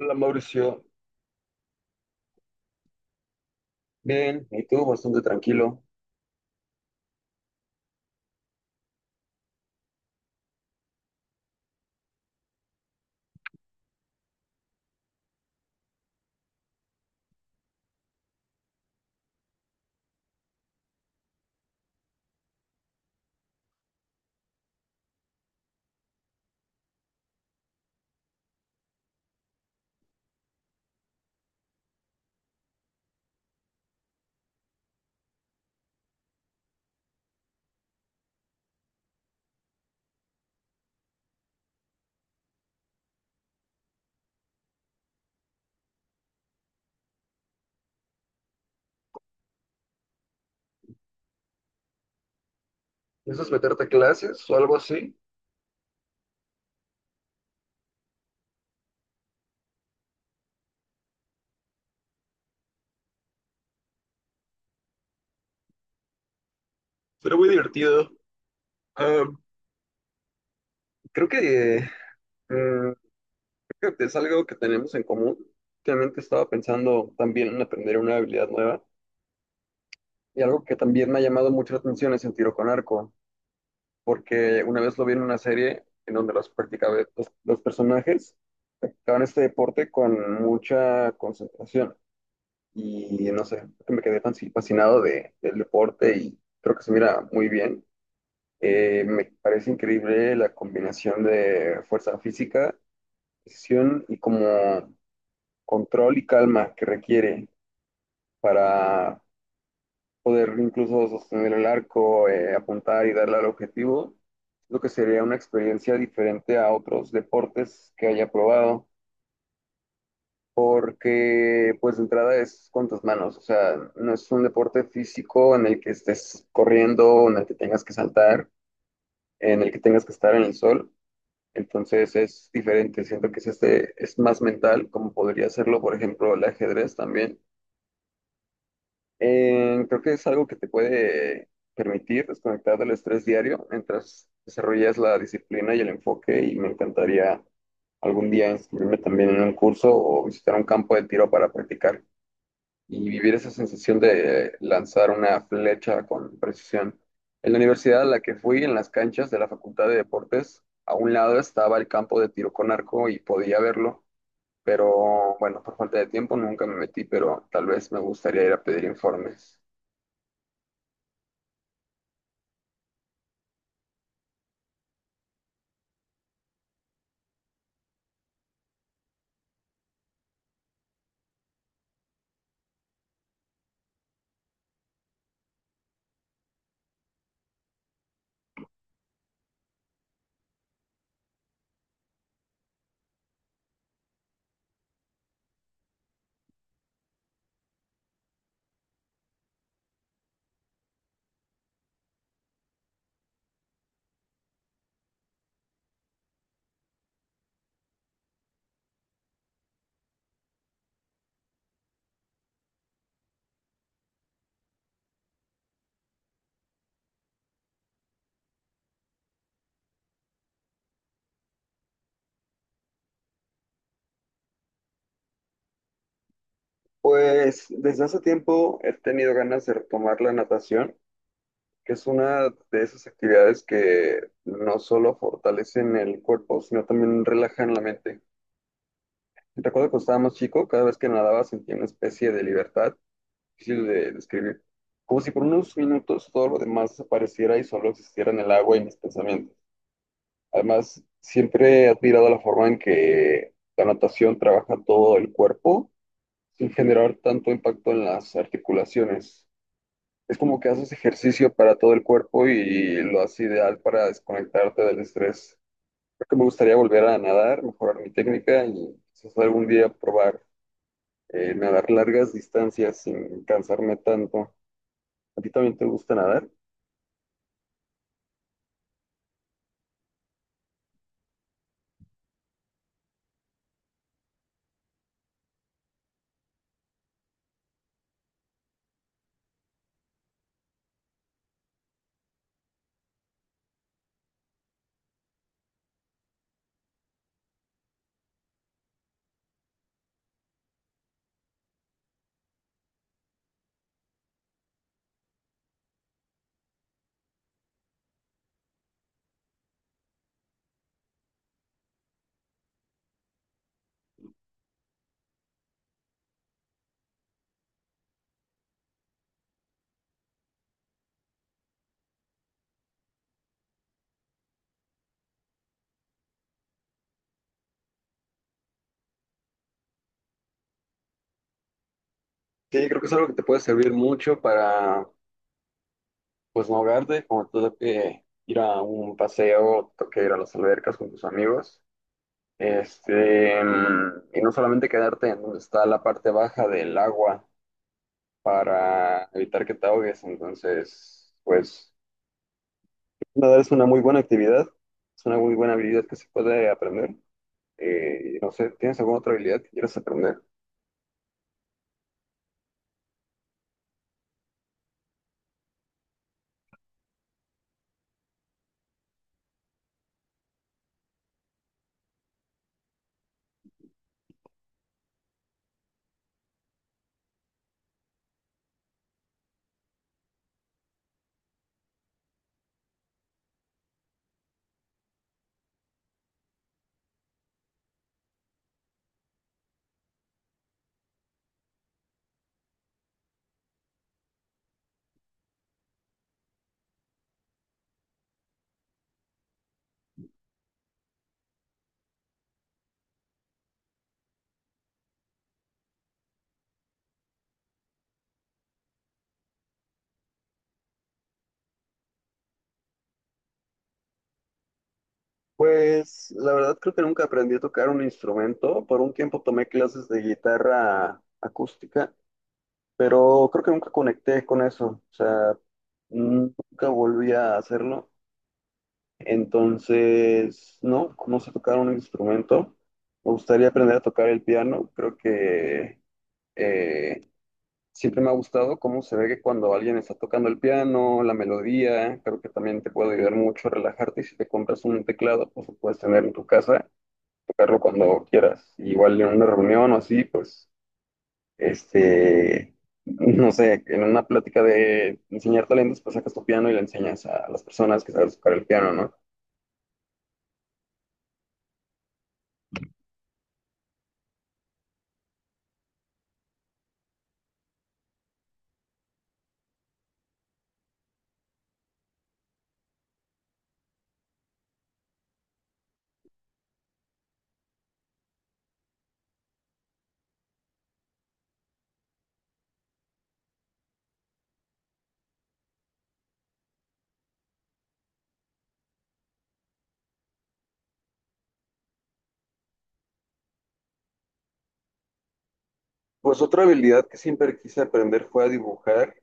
Hola Mauricio, bien, y tú bastante tranquilo. ¿Piensas meterte a clases o algo así? Pero muy divertido. Ah, creo que, eh, creo que es algo que tenemos en común. Últimamente estaba pensando también en aprender una habilidad nueva y algo que también me ha llamado mucho la atención es el tiro con arco, porque una vez lo vi en una serie en donde los personajes practicaban este deporte con mucha concentración. Y no sé, me quedé fascinado del deporte y creo que se mira muy bien. Me parece increíble la combinación de fuerza física, decisión y como control y calma que requiere para poder incluso sostener el arco, apuntar y darle al objetivo. Lo que sería una experiencia diferente a otros deportes que haya probado, porque pues de entrada es con tus manos. O sea, no es un deporte físico en el que estés corriendo, en el que tengas que saltar, en el que tengas que estar en el sol. Entonces es diferente, siento que es, es más mental, como podría hacerlo, por ejemplo, el ajedrez también. Creo que es algo que te puede permitir desconectar del estrés diario mientras desarrollas la disciplina y el enfoque, y me encantaría algún día inscribirme también en un curso o visitar un campo de tiro para practicar y vivir esa sensación de lanzar una flecha con precisión. En la universidad a la que fui, en las canchas de la Facultad de Deportes, a un lado estaba el campo de tiro con arco y podía verlo, pero bueno, por falta de tiempo nunca me metí, pero tal vez me gustaría ir a pedir informes. Pues desde hace tiempo he tenido ganas de retomar la natación, que es una de esas actividades que no solo fortalecen el cuerpo, sino también relajan la mente. Recuerdo cuando estaba más chico, cada vez que nadaba sentía una especie de libertad difícil de describir, como si por unos minutos todo lo demás desapareciera y solo existiera en el agua y mis pensamientos. Además, siempre he admirado la forma en que la natación trabaja todo el cuerpo sin generar tanto impacto en las articulaciones. Es como que haces ejercicio para todo el cuerpo y lo haces ideal para desconectarte del estrés. Creo que me gustaría volver a nadar, mejorar mi técnica y quizás algún día probar, nadar largas distancias sin cansarme tanto. ¿A ti también te gusta nadar? Sí, creo que es algo que te puede servir mucho para, pues, no ahogarte, como te toque ir a un paseo, te toque ir a las albercas con tus amigos. Y no solamente quedarte en donde está la parte baja del agua para evitar que te ahogues. Entonces, pues, nadar es una muy buena actividad, es una muy buena habilidad que se puede aprender. No sé, ¿tienes alguna otra habilidad que quieras aprender? Pues la verdad creo que nunca aprendí a tocar un instrumento. Por un tiempo tomé clases de guitarra acústica, pero creo que nunca conecté con eso. O sea, nunca volví a hacerlo. Entonces, no, no sé tocar un instrumento. Me gustaría aprender a tocar el piano. Creo que eh, siempre me ha gustado cómo se ve que cuando alguien está tocando el piano, la melodía, creo que también te puede ayudar mucho a relajarte. Y si te compras un teclado, pues lo puedes tener en tu casa, tocarlo cuando quieras. Igual en una reunión o así, pues, este, no sé, en una plática de enseñar talentos, pues sacas tu piano y le enseñas a las personas que sabes tocar el piano, ¿no? Pues otra habilidad que siempre quise aprender fue a dibujar.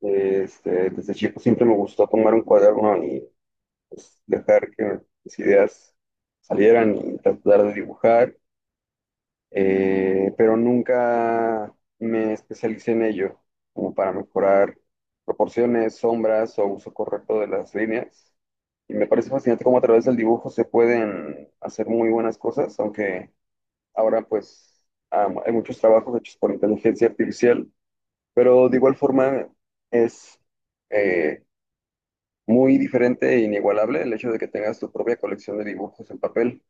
Desde chico siempre me gustó tomar un cuaderno y, pues, dejar que mis ideas salieran y tratar de dibujar. Pero nunca me especialicé en ello, como para mejorar proporciones, sombras o uso correcto de las líneas. Y me parece fascinante cómo a través del dibujo se pueden hacer muy buenas cosas, aunque ahora pues hay muchos trabajos hechos por inteligencia artificial, pero de igual forma es, eh, muy diferente e inigualable el hecho de que tengas tu propia colección de dibujos en papel.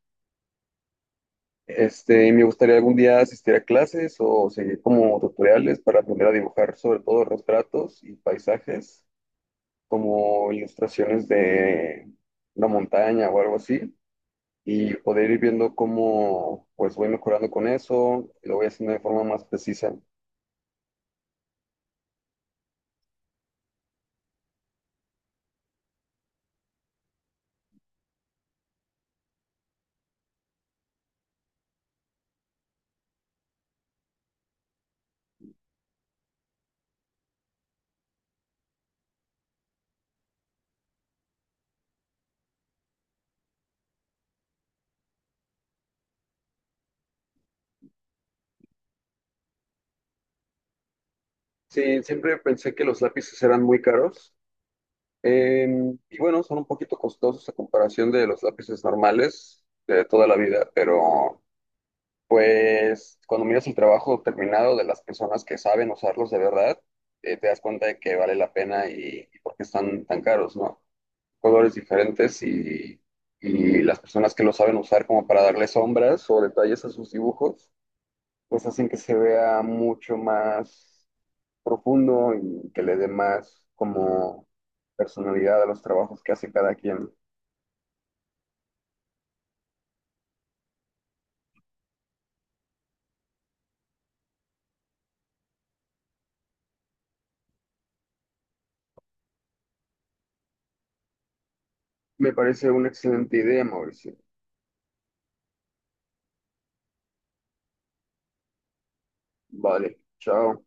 Y me gustaría algún día asistir a clases o seguir como tutoriales para aprender a dibujar sobre todo retratos y paisajes, como ilustraciones de una montaña o algo así, y poder ir viendo cómo pues voy mejorando con eso, y lo voy haciendo de forma más precisa. Sí, siempre pensé que los lápices eran muy caros. Y bueno, son un poquito costosos a comparación de los lápices normales de toda la vida, pero... Pues cuando miras el trabajo terminado de las personas que saben usarlos de verdad, te das cuenta de que vale la pena y por qué están tan caros, ¿no? Colores diferentes y las personas que lo saben usar como para darle sombras o detalles a sus dibujos, pues hacen que se vea mucho más profundo y que le dé más como personalidad a los trabajos que hace cada quien. Me parece una excelente idea, Mauricio. Vale, chao.